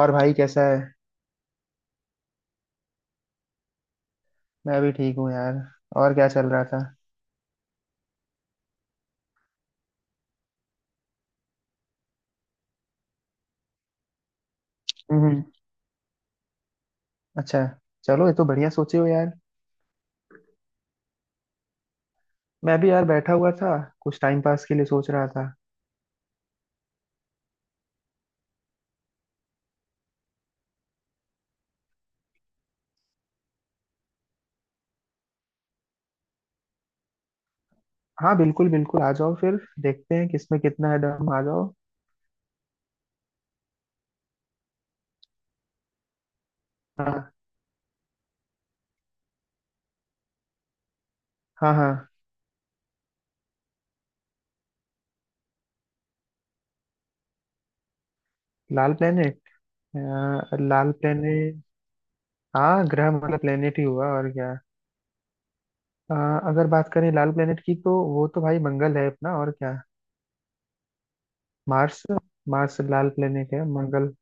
और भाई कैसा है। मैं भी ठीक हूँ यार। और क्या चल रहा था। हम्म। अच्छा। चलो ये तो बढ़िया सोचे हो यार। मैं भी यार बैठा हुआ था, कुछ टाइम पास के लिए सोच रहा था। हाँ बिल्कुल बिल्कुल, आ जाओ फिर। देखते हैं किसमें कितना है दम, आ जाओ। हाँ हाँ हाँ। लाल प्लेनेट। लाल प्लेनेट। हाँ ग्रह मतलब प्लेनेट ही हुआ, और क्या। अ, अगर बात करें लाल प्लेनेट की तो वो तो भाई मंगल है अपना, और क्या। मार्स। मार्स लाल प्लेनेट है, मंगल।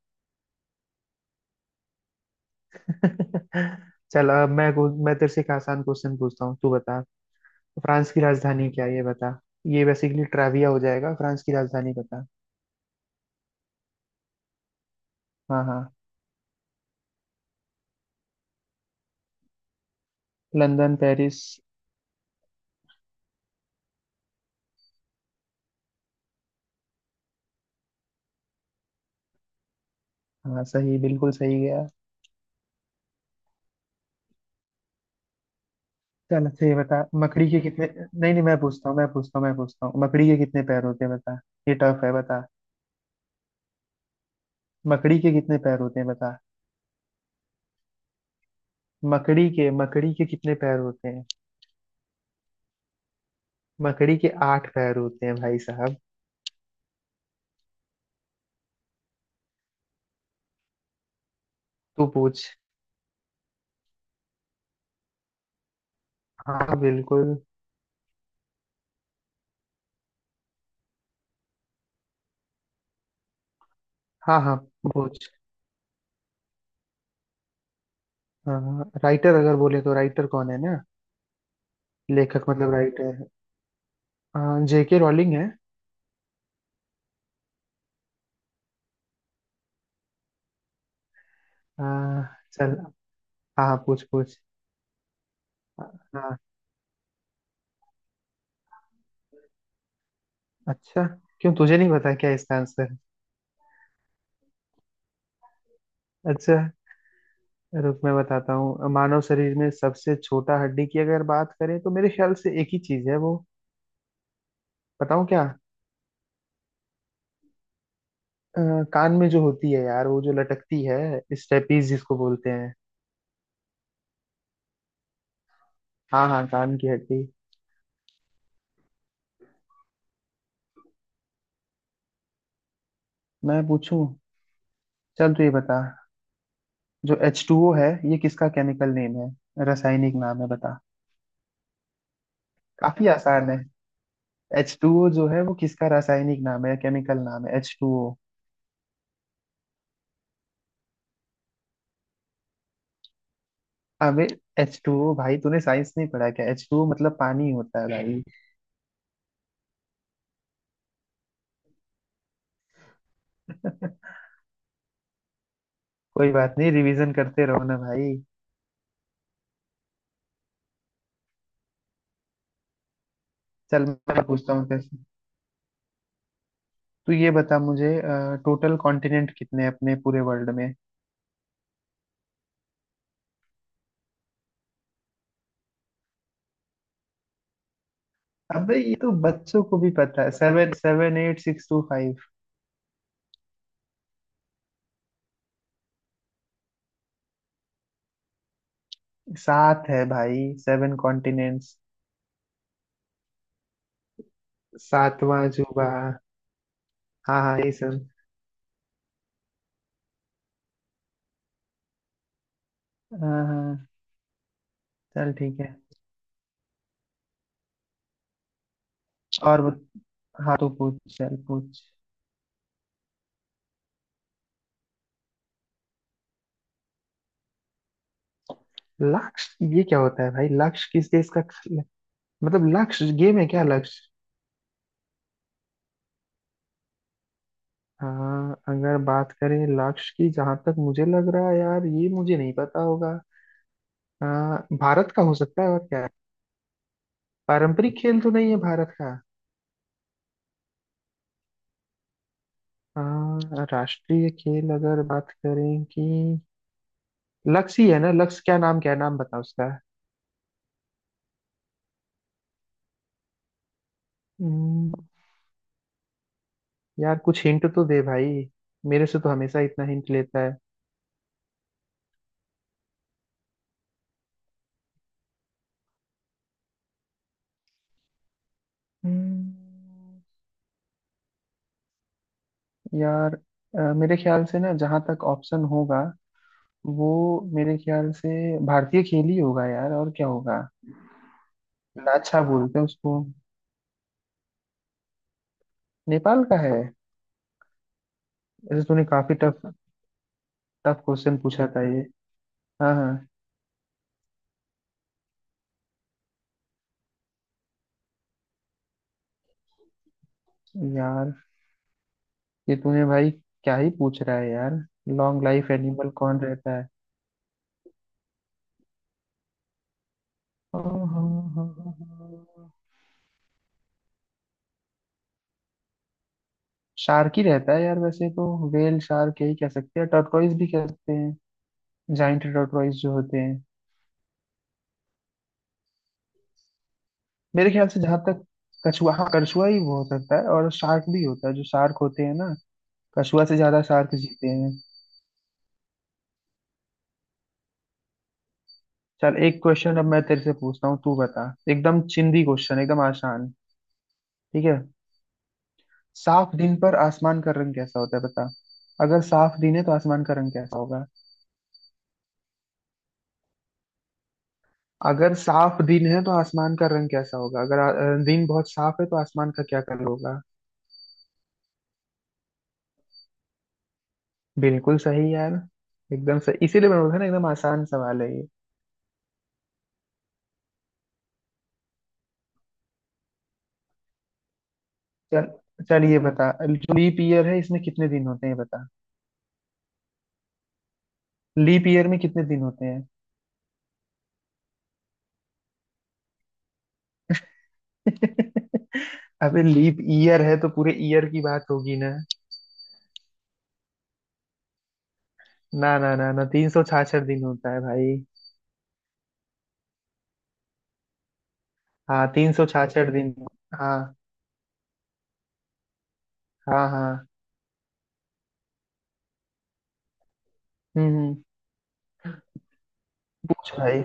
चल अब मैं तेरे से एक आसान क्वेश्चन पूछता हूँ, तू बता। फ्रांस की राजधानी क्या है, ये बता। ये बेसिकली ट्राविया हो जाएगा, फ्रांस की राजधानी बता। हाँ हाँ। London, Paris. हाँ सही, बिल्कुल सही गया। चल अच्छा, ये बता। मकड़ी के कितने। नहीं नहीं, मैं पूछता हूँ मैं पूछता हूँ मैं पूछता हूँ, मकड़ी के कितने पैर होते हैं बता। ये टफ है, बता। मकड़ी के कितने पैर होते हैं बता। मकड़ी के कितने पैर होते हैं। मकड़ी के 8 पैर होते हैं भाई साहब। तू पूछ। हाँ बिल्कुल। हाँ हाँ, पूछ। हाँ राइटर, अगर बोले तो राइटर कौन है ना। लेखक मतलब हाँ राइटर। जेके रॉलिंग है। आ, चल। हाँ पूछ पूछ। हाँ। अच्छा, क्यों तुझे नहीं पता क्या इसका आंसर। अच्छा, रुक मैं बताता हूँ। मानव शरीर में सबसे छोटा हड्डी की अगर बात करें, तो मेरे ख्याल से एक ही चीज है वो। बताऊँ क्या। अ, कान में जो होती है यार, वो जो लटकती है, स्टेपीज जिसको बोलते हैं। हाँ हाँ, कान की हड्डी। मैं पूछूं। चल तू ये बता, जो H2O है ये किसका केमिकल नेम है, रासायनिक नाम है बता। काफी आसान है। H2O जो है वो किसका रासायनिक नाम है या केमिकल नाम है, एच टू ओ। अबे, H2O भाई तूने साइंस नहीं पढ़ा क्या। H2O मतलब पानी होता है भाई। कोई बात नहीं, रिवीजन करते रहो ना भाई। चल मैं पूछता हूँ, कैसे। तू ये बता मुझे, टोटल कॉन्टिनेंट कितने हैं अपने पूरे वर्ल्ड में। अबे, ये तो बच्चों को भी पता है। Seven, seven eight six two five. सात है भाई, 7 कॉन्टिनेंट्स। सातवां जुबा। हाँ हाँ यही सुन। हाँ हाँ। चल ठीक है। और बत... हाँ तो पूछ, चल पूछ। लक्ष्य ये क्या होता है भाई, लक्ष्य किस देश का, मतलब लक्ष्य गेम है क्या, लक्ष्य। हाँ अगर बात करें लक्ष्य की, जहां तक मुझे लग रहा है यार ये मुझे नहीं पता होगा। हाँ भारत का हो सकता है, और क्या है? पारंपरिक खेल तो नहीं है भारत का। हाँ राष्ट्रीय खेल अगर बात करें कि लक्ष्य ही है ना, लक्ष्य क्या, नाम क्या है, नाम बताओ उसका। यार कुछ हिंट तो दे भाई, मेरे से तो हमेशा इतना हिंट लेता है। हम्म। यार मेरे ख्याल से ना, जहां तक ऑप्शन होगा वो, मेरे ख्याल से भारतीय खेल ही होगा यार, और क्या होगा। लाछा बोलते हैं उसको। नेपाल का है। ऐसे तूने काफी टफ, टफ क्वेश्चन पूछा था ये। हाँ हाँ। यार ये तूने भाई क्या ही पूछ रहा है यार। लॉन्ग लाइफ एनिमल कौन रहता है। ओहो। शार्क ही रहता है यार वैसे तो, वेल शार्क यही कह सकते हैं, टर्टोइज भी कहते हैं, जाइंट टर्टोइज जो होते हैं। मेरे ख्याल से जहाँ तक, कछुआ, हाँ कछुआ ही वो हो सकता है, और शार्क भी होता है, जो शार्क होते हैं ना। कछुआ से ज्यादा शार्क जीते हैं। चल एक क्वेश्चन अब मैं तेरे से पूछता हूँ, तू बता। एकदम चिंदी क्वेश्चन, एकदम आसान। ठीक है। साफ दिन पर आसमान का रंग कैसा होता है बता। अगर साफ दिन है तो आसमान का रंग कैसा होगा। अगर साफ दिन है तो आसमान का रंग कैसा होगा, अगर दिन बहुत साफ है तो आसमान का क्या कलर होगा। बिल्कुल सही यार, एकदम सही। इसीलिए मैंने बोला ना, एकदम आसान सवाल है ये। चल। चल ये बता, जो लीप ईयर है इसमें कितने दिन होते हैं, ये बता। लीप ईयर में कितने दिन होते हैं। अबे लीप ईयर है तो पूरे ईयर की बात होगी ना। ना ना ना ना, 366 दिन होता है भाई। हाँ 366 दिन। हाँ। हाँ हाँ। हम्म। पूछ भाई।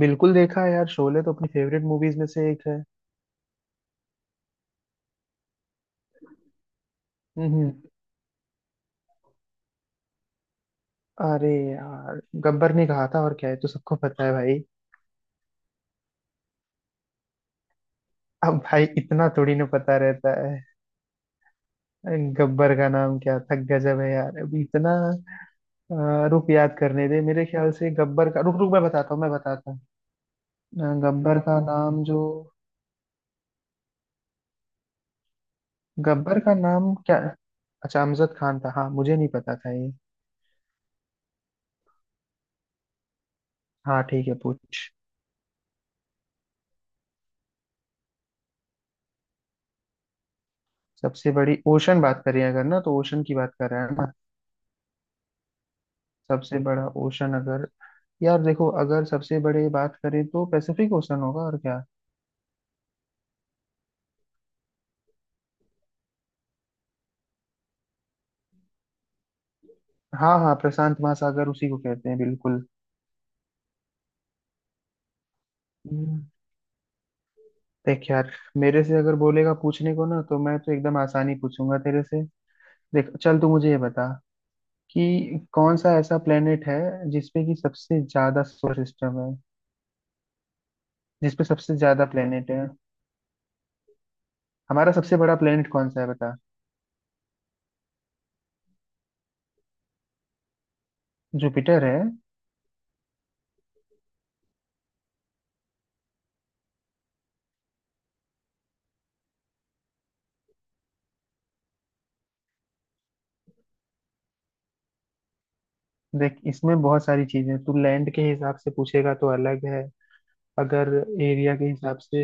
बिल्कुल देखा है यार, शोले तो अपनी फेवरेट मूवीज में से एक है। हम्म हम्म। अरे यार गब्बर ने कहा था, और क्या है, तो सबको पता है भाई। अब भाई इतना थोड़ी ना पता रहता है। गब्बर का नाम क्या था, गजब है यार। अभी इतना, रुक याद करने दे। मेरे ख्याल से गब्बर का, रुक रुक मैं बताता हूँ मैं बताता हूँ। गब्बर का नाम जो, गब्बर का नाम क्या। अच्छा अमजद खान था, हाँ मुझे नहीं पता था ये। हाँ ठीक है, पूछ। सबसे बड़ी ओशन बात करें अगर ना, तो ओशन की बात कर रहे हैं ना। सबसे बड़ा ओशन अगर, यार देखो अगर सबसे बड़े बात करें तो पैसिफिक ओशन होगा, और क्या। हाँ हाँ, प्रशांत महासागर उसी को कहते हैं, बिल्कुल। हम्म। देख यार, मेरे से अगर बोलेगा पूछने को ना, तो मैं तो एकदम आसानी पूछूंगा तेरे से। देख चल, तू मुझे ये बता कि कौन सा ऐसा प्लेनेट है जिसपे कि सबसे ज्यादा सोलर सिस्टम है, जिसपे सबसे ज्यादा प्लेनेट है, हमारा सबसे बड़ा प्लेनेट कौन सा है बता। जुपिटर है। देख इसमें बहुत सारी चीजें हैं। तू लैंड के हिसाब से पूछेगा तो अलग है, अगर एरिया के हिसाब से।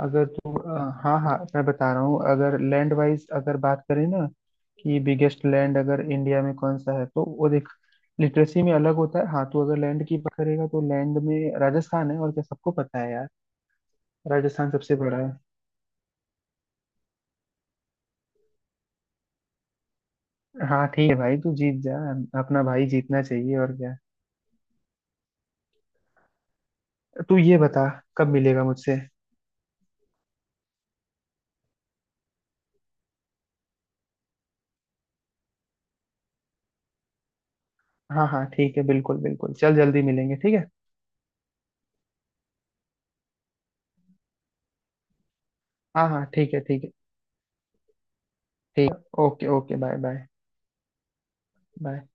अगर तू, हाँ हाँ मैं बता रहा हूँ, अगर लैंड वाइज अगर बात करें ना कि बिगेस्ट लैंड अगर इंडिया में कौन सा है तो वो देख, लिटरेसी में अलग होता है। हाँ तो अगर लैंड की बात करेगा तो लैंड में राजस्थान है, और क्या, सबको पता है यार। राजस्थान सबसे बड़ा है। हाँ ठीक है भाई, तू जीत जा, अपना भाई जीतना चाहिए, और क्या। तू ये बता, कब मिलेगा मुझसे। हाँ हाँ ठीक है, बिल्कुल बिल्कुल, चल जल्दी मिलेंगे, ठीक है। हाँ हाँ ठीक है ठीक है। ठीक है। Okay okay, bye bye. Bye.